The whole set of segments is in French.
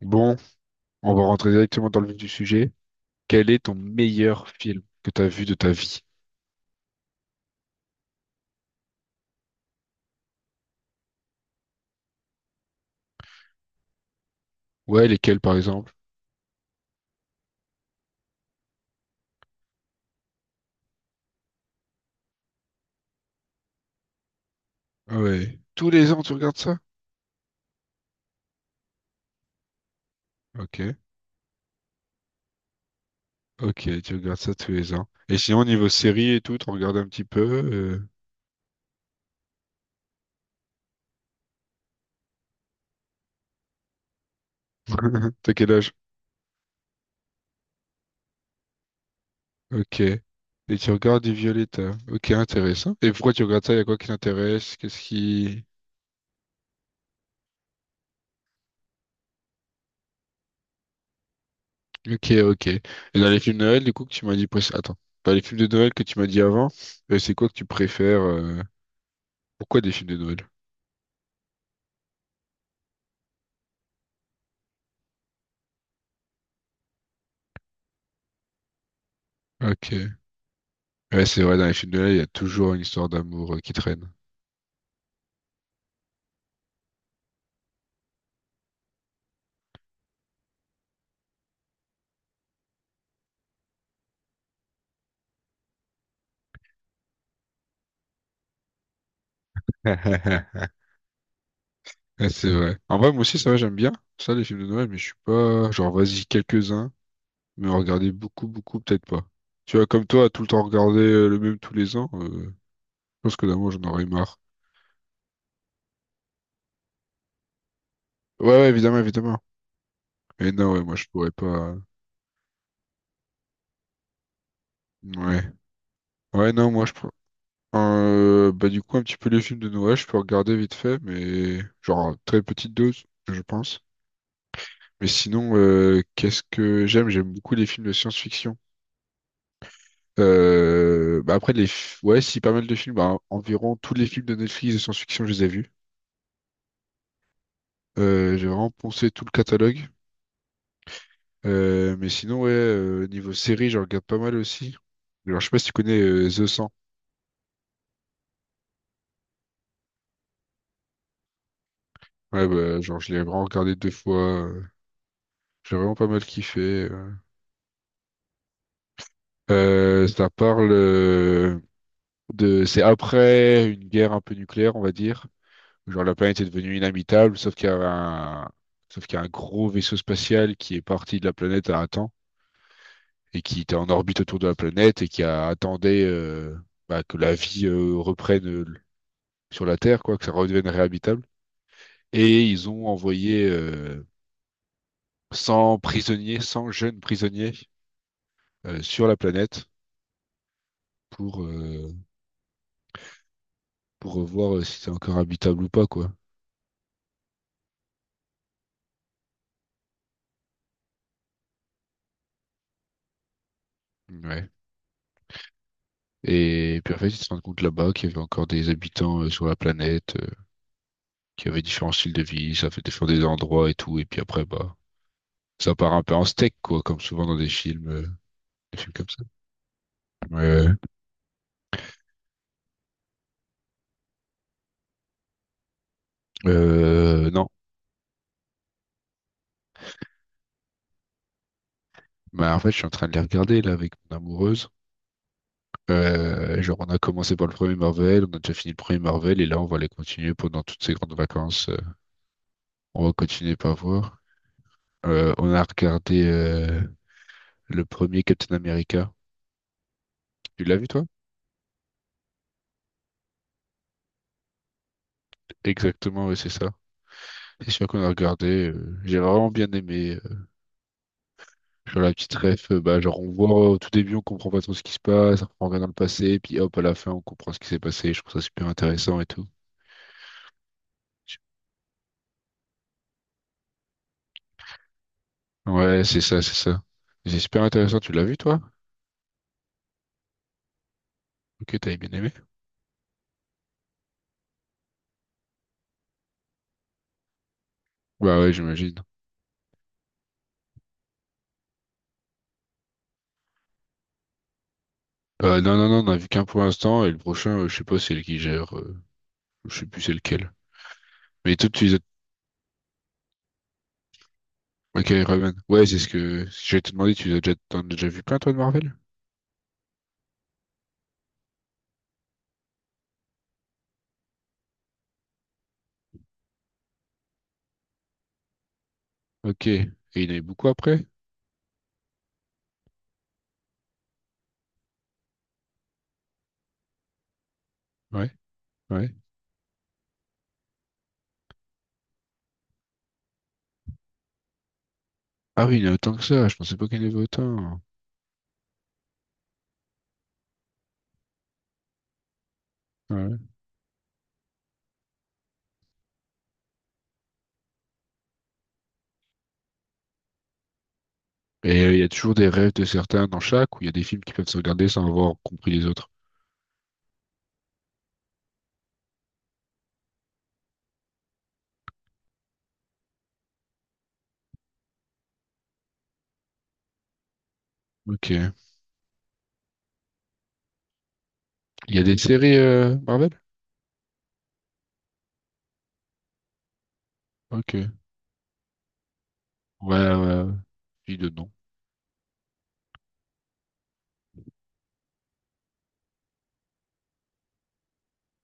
Bon, on va rentrer directement dans le vif du sujet. Quel est ton meilleur film que tu as vu de ta vie? Ouais, lesquels par exemple? Ah ouais. Tous les ans, tu regardes ça? Ok. Ok, tu regardes ça tous les ans. Et sinon, niveau série et tout, tu regardes un petit peu. T'as quel âge? Ok. Et tu regardes du Violetta. Ok, intéressant. Et pourquoi tu regardes ça? Il y a quoi qui t'intéresse? Qu'est-ce qui... Ok, ok. Et dans les films de Noël, du coup, que tu m'as dit... Attends. Dans les films de Noël que tu m'as dit avant, c'est quoi que tu préfères? Pourquoi des films de Noël? Ok. Ouais, c'est vrai, dans les films de là, il y a toujours une histoire d'amour qui traîne. Ouais, c'est vrai. En vrai, moi aussi, ça va, j'aime bien ça, les films de Noël, mais je suis pas, genre, vas-y, quelques-uns, mais en regarder beaucoup, beaucoup, peut-être pas. Tu vois, comme toi, tout le temps regarder le même tous les ans, je pense que d'amour, j'en aurais marre. Ouais, ouais, évidemment, évidemment. Et non, ouais, moi, je pourrais pas. Ouais. Ouais, non, moi, je prends. Bah, du coup, un petit peu les films de Noël, je peux regarder vite fait, mais genre, à très petite dose, je pense. Mais sinon, qu'est-ce que j'aime? J'aime beaucoup les films de science-fiction. Bah après, ouais, si, pas mal de films. Bah, environ tous les films de Netflix de science-fiction, je les ai vus. J'ai vraiment poncé tout le catalogue. Mais sinon, ouais, niveau série, j'en regarde pas mal aussi. Alors, je sais pas si tu connais The 100. Ouais, bah, genre, je l'ai vraiment regardé deux fois. euh, J'ai vraiment pas mal kiffé. euh. Ça parle de... C'est après une guerre un peu nucléaire, on va dire. Genre la planète est devenue inhabitable, sauf qu'il y a un gros vaisseau spatial qui est parti de la planète à un temps et qui était en orbite autour de la planète et qui a attendait bah, que la vie reprenne sur la Terre, quoi, que ça redevienne réhabitable. Et ils ont envoyé 100 prisonniers, 100 jeunes prisonniers sur la planète pour, euh, pour voir si c'est encore habitable ou pas, quoi. Ouais. Et puis en fait, ils se rendent compte là-bas qu'il y avait encore des habitants sur la planète, qui avait différents styles de vie, ça fait défendre des endroits et tout, et puis après, bah, ça part un peu en steak, quoi, comme souvent dans des films comme ça. Ouais, ouais. Non, mais en fait, je suis en train de les regarder, là, avec mon amoureuse. Genre, on a commencé par le premier Marvel, on a déjà fini le premier Marvel, et là, on va les continuer pendant toutes ces grandes vacances. On va continuer par voir. On a regardé le premier Captain America. Tu l'as vu, toi? Exactement, ouais, c'est ça. C'est sûr qu'on a regardé. J'ai vraiment bien aimé. Genre la petite ref, bah, genre on voit au tout début, on comprend pas trop ce qui se passe, on regarde dans le passé, puis hop, à la fin, on comprend ce qui s'est passé. Je trouve ça super intéressant et tout. Ouais, c'est ça, c'est ça. C'est super intéressant, tu l'as vu toi? Ok, t'avais bien aimé? Bah ouais, j'imagine. Non, non, non, on a vu qu'un pour l'instant, et le prochain, je sais pas c'est qui gère, je sais plus c'est lequel. Mais tout, tu les as... Ok, Raven. Ouais, c'est ce que je vais te demander, tu les as déjà... t'en as déjà vu plein toi de Marvel? Ok. Et il y en avait beaucoup après? Ouais, ouais. Ah oui, il y en a autant que ça, je pensais pas qu'il y en avait autant. Ouais. Et il y a toujours des rêves de certains dans chaque, ou il y a des films qui peuvent se regarder sans avoir compris les autres. Ok. Il y a des séries Marvel? Ok. Ouais, ouais. Dis de non.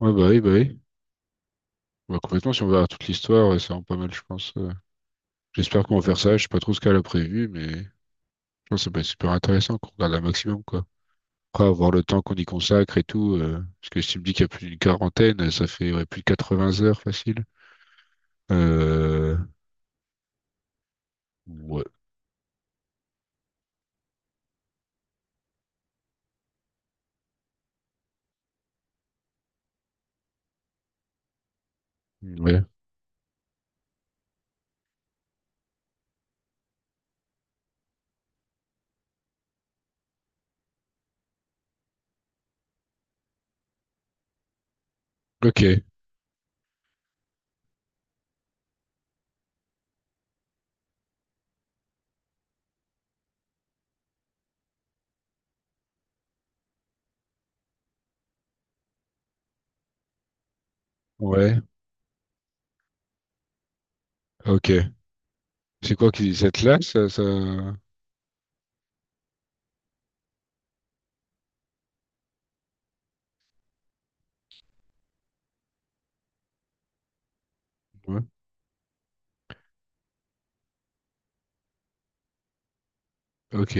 Ouais, bah oui, bah oui. Bah, complètement, si on verra toute l'histoire, c'est vraiment pas mal, je pense. J'espère qu'on va faire ça. Je sais pas trop ce qu'elle a prévu, mais je pense que ça peut être super intéressant qu'on regarde un maximum, quoi. Après, avoir le temps qu'on y consacre et tout, parce que si tu me dis qu'il y a plus d'une quarantaine, ça fait ouais, plus de 80 heures facile. Euh... Ouais. Ouais. Ok. Ouais. Ok. C'est quoi qui cette là ça, ça... Ouais. Ok.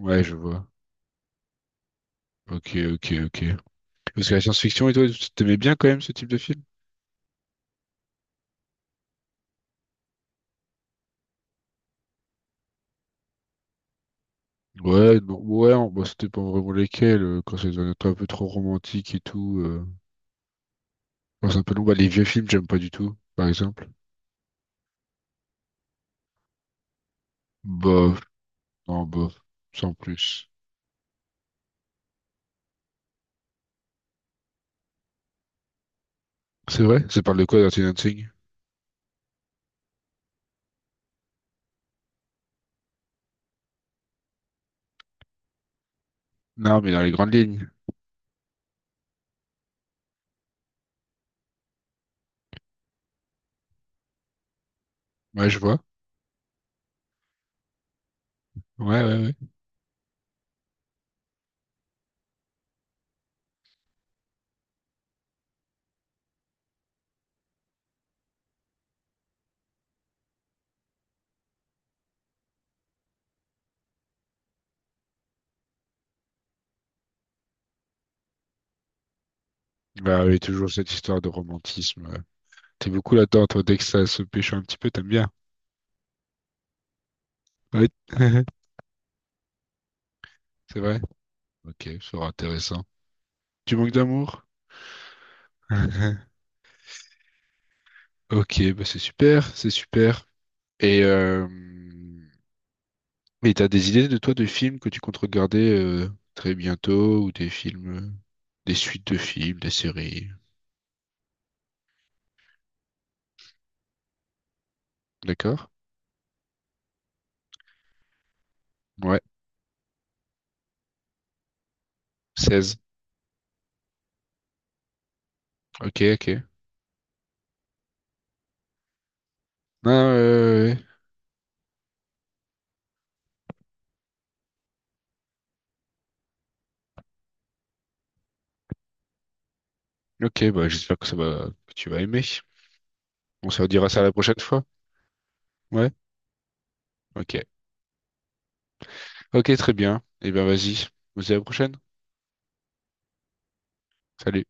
Ouais, je vois. Ok, ok, ok. Parce que la science-fiction et toi, tu t'aimais bien quand même ce type de film? Ouais, non, ouais, bah, c'était pas vraiment lesquels, quand c'est un peu trop romantique et tout. Enfin, c'est un peu long. Bah, les vieux films, j'aime pas du tout, par exemple. Bof, non, bof, sans plus. C'est vrai? Ça parle de quoi, Dirty Dancing? Non, mais dans les grandes lignes. Ouais, je vois. Ouais, ouais, ouais. Bah, oui, toujours cette histoire de romantisme, ouais. T'es beaucoup là-dedans, toi, dès que ça se pêche un petit peu, t'aimes bien. Ouais. C'est vrai? Ok, ça sera intéressant. Tu manques d'amour? Ok, bah c'est super, c'est super. Et euh, et t'as des idées de toi de films que tu comptes regarder très bientôt ou des films, des suites de films, des séries, d'accord? Ouais, 16. Ok, ok. Non, ouais. Ouais, ouais. Ok, bah j'espère que ça va, que tu vas aimer. On se redira ça la prochaine fois. Ouais, ok. Ok, très bien. Eh bien, vas-y. On se dit à la prochaine. Salut.